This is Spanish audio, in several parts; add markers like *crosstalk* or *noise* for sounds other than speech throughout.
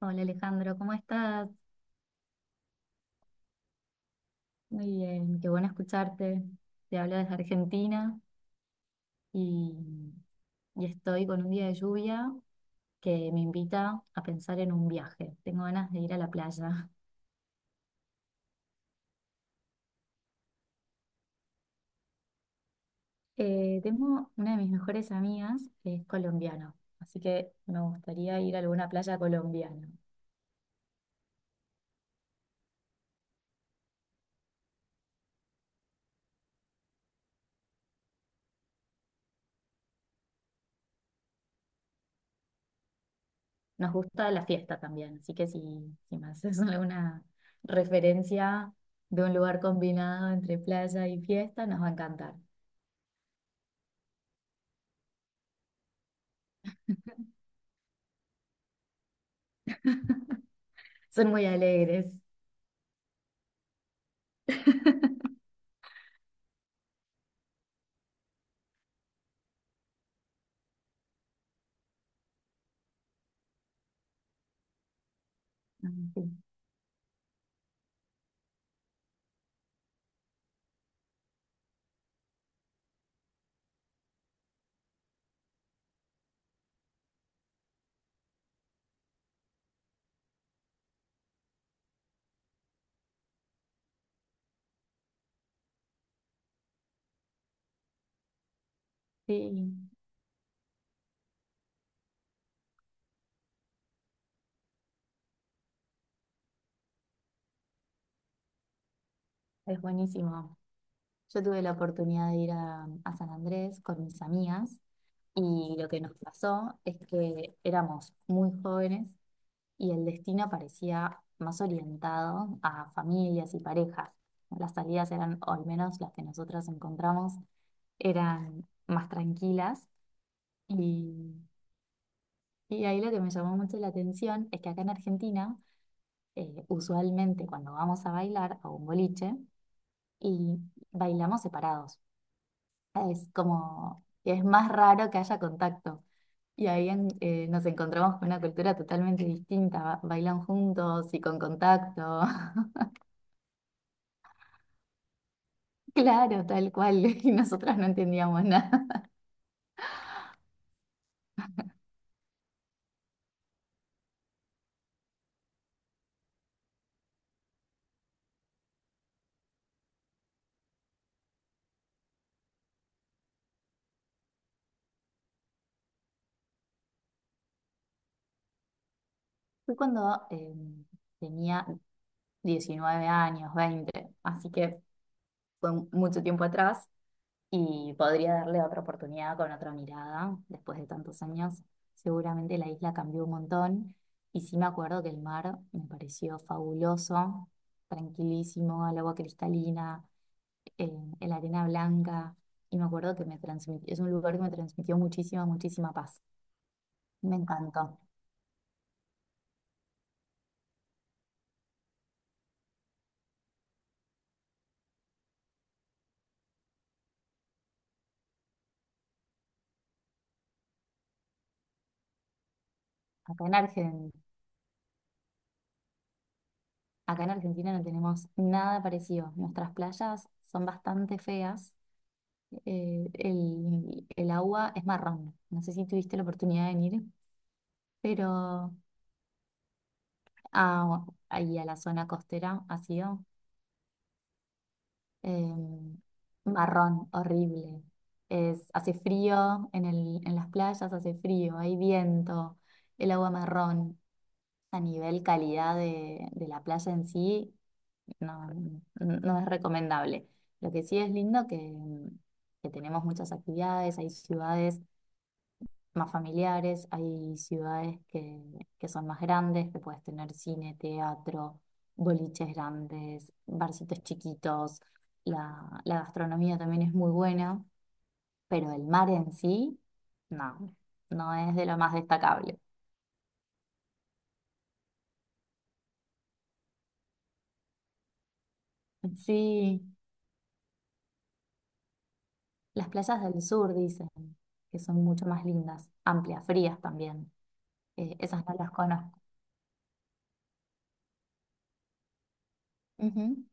Hola Alejandro, ¿cómo estás? Muy bien, qué bueno escucharte. Te hablo desde Argentina y, y estoy con un día de lluvia que me invita a pensar en un viaje. Tengo ganas de ir a la playa. *laughs* Tengo una de mis mejores amigas que es colombiana, así que me gustaría ir a alguna playa colombiana. Nos gusta la fiesta también, así que si me haces *laughs* alguna referencia de un lugar combinado entre playa y fiesta, nos va a encantar. Son muy alegres. Mm. Sí, sí, es buenísimo. Yo tuve la oportunidad de ir a San Andrés con mis amigas y lo que nos pasó es que éramos muy jóvenes y el destino parecía más orientado a familias y parejas. Las salidas eran, o al menos las que nosotras encontramos, eran más tranquilas y, y ahí lo que me llamó mucho la atención es que acá en Argentina, usualmente cuando vamos a bailar a un boliche, y bailamos separados. Es como, es más raro que haya contacto. Y nos encontramos con una cultura totalmente distinta. Bailan juntos y con contacto. *laughs* Claro, tal cual. *laughs* Y nosotras no entendíamos nada. Fue cuando tenía 19 años, veinte. Así que fue mucho tiempo atrás, y podría darle otra oportunidad con otra mirada después de tantos años. Seguramente la isla cambió un montón y sí me acuerdo que el mar me pareció fabuloso, tranquilísimo, el agua cristalina, eh, la arena blanca y me acuerdo que me transmitió, es un lugar que me transmitió muchísima, muchísima paz. Me encantó. Acá en Argen- Acá en Argentina no tenemos nada parecido. Nuestras playas son bastante feas, el agua es marrón. No sé si tuviste la oportunidad de venir, pero ahí a la zona costera ha sido eh, marrón, horrible. Es, hace frío en en las playas, hace frío, hay viento, el agua marrón. A nivel calidad de la playa en sí, no, no es recomendable. Lo que sí es lindo que tenemos muchas actividades, hay ciudades más familiares, hay ciudades que son más grandes, que puedes tener cine, teatro, boliches grandes, barcitos chiquitos, la gastronomía también es muy buena, pero el mar en sí, no, no es de lo más destacable. Sí, las playas del sur dicen que son mucho más lindas, amplias, frías también. Esas no las conozco. Ujú.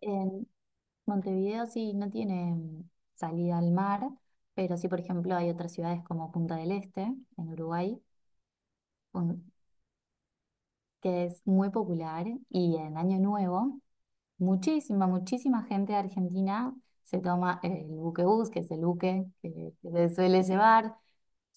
En- Montevideo sí no tiene salida al mar, pero sí, por ejemplo, hay otras ciudades como Punta del Este, en Uruguay, un- que es muy popular y en Año Nuevo, muchísima, muchísima gente de Argentina se toma el buquebús, que es el buque que se suele llevar,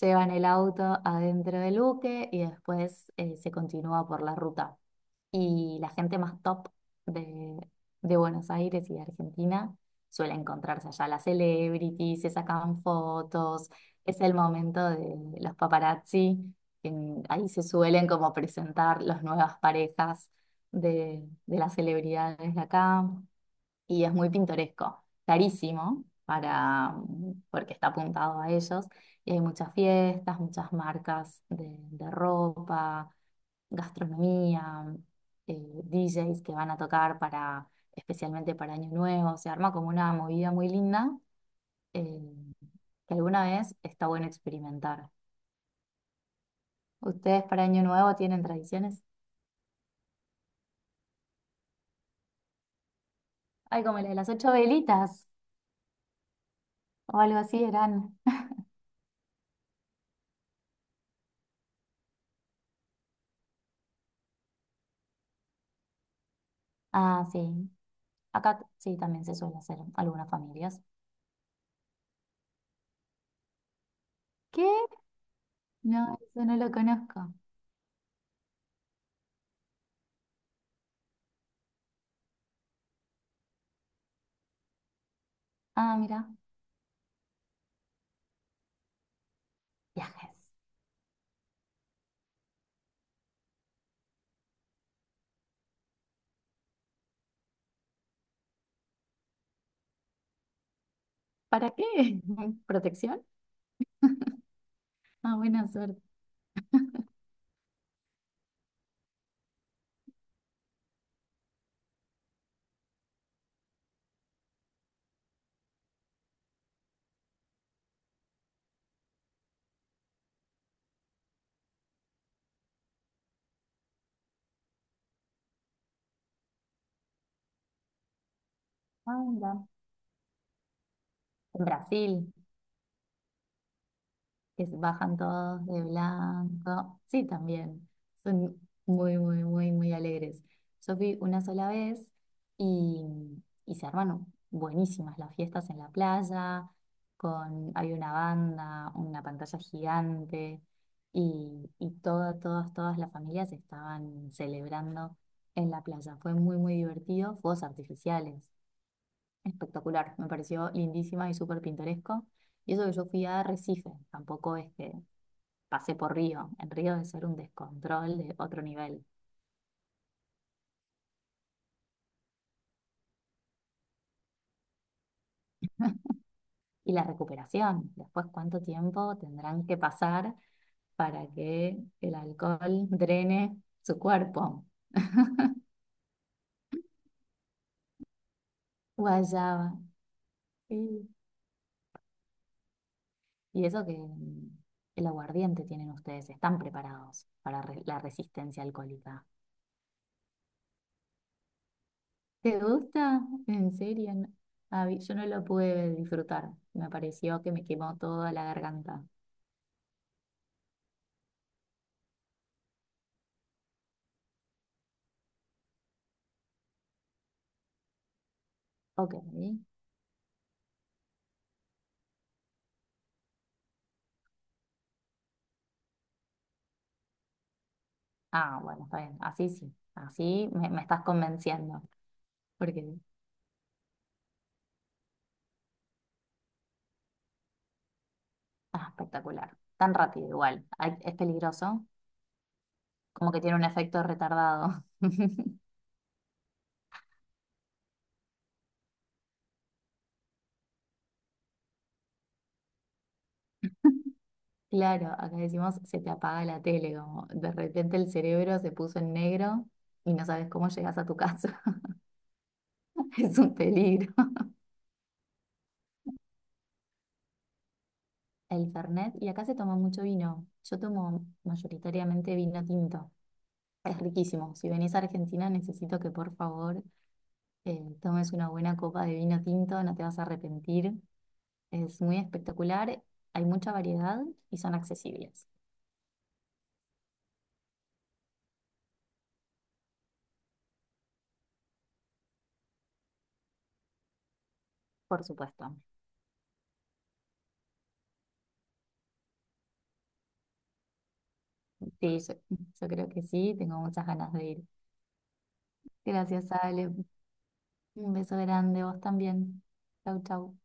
llevan el auto adentro del buque y después se continúa por la ruta. Y la gente más top de, de Buenos Aires y de Argentina suele encontrarse allá. Las celebrities se sacan fotos, es el momento de los paparazzi, que ahí se suelen como presentar las nuevas parejas de las celebridades de acá. Y es muy pintoresco, carísimo, para, porque está apuntado a ellos. Y hay muchas fiestas, muchas marcas de ropa, gastronomía, eh, DJs que van a tocar para, especialmente para Año Nuevo, se arma como una movida muy linda, eh, que alguna vez está bueno experimentar. ¿Ustedes para Año Nuevo tienen tradiciones? Ay, como la de las ocho velitas o algo así eran. Ah, sí. Sí también se suele hacer en algunas familias. ¿Qué? No, eso no lo conozco. Ah, mira, viajes. ¿Para qué? *laughs* ¿Protección? Ah, buena suerte. Ah, mira. En Brasil, que se bajan todos de blanco. Sí, también. Son muy, muy, muy, muy alegres. Yo fui una sola vez y, y se arman buenísimas las fiestas en la playa, con, hay una banda, una pantalla gigante y todas, todas, todas las familias estaban celebrando en la playa. Fue muy, muy divertido. Fuegos artificiales. Espectacular. Me pareció lindísima y súper pintoresco. Y eso que yo fui a Recife, tampoco es que... Pasé por Río. En Río debe ser un descontrol de otro nivel. Y la recuperación. Después, ¿cuánto tiempo tendrán que pasar para que el alcohol drene su cuerpo? Guayaba. Y, y eso que el aguardiente tienen ustedes. Están preparados para la resistencia alcohólica. ¿Te gusta? ¿En serio? A mí, yo no lo pude disfrutar. Me pareció que me quemó toda la garganta. Ok. Ah, bueno, está bien. Así sí. Así me estás convenciendo. Porque ah, espectacular. Tan rápido igual. Ay, es peligroso. Como que tiene un efecto retardado. *laughs* Claro, acá decimos se te apaga la tele, como de repente el cerebro se puso en negro y no sabes cómo llegas a tu casa. *laughs* Es un peligro. El Fernet, y acá se toma mucho vino. Yo tomo mayoritariamente vino tinto. Es riquísimo. Si venís a Argentina, necesito que por favor tomes una buena copa de vino tinto, no te vas a arrepentir. Es muy espectacular, hay mucha variedad y son accesibles, por supuesto. Sí, yo creo que sí, tengo muchas ganas de ir. Gracias, Ale. Un beso grande, vos también. Chau, chau.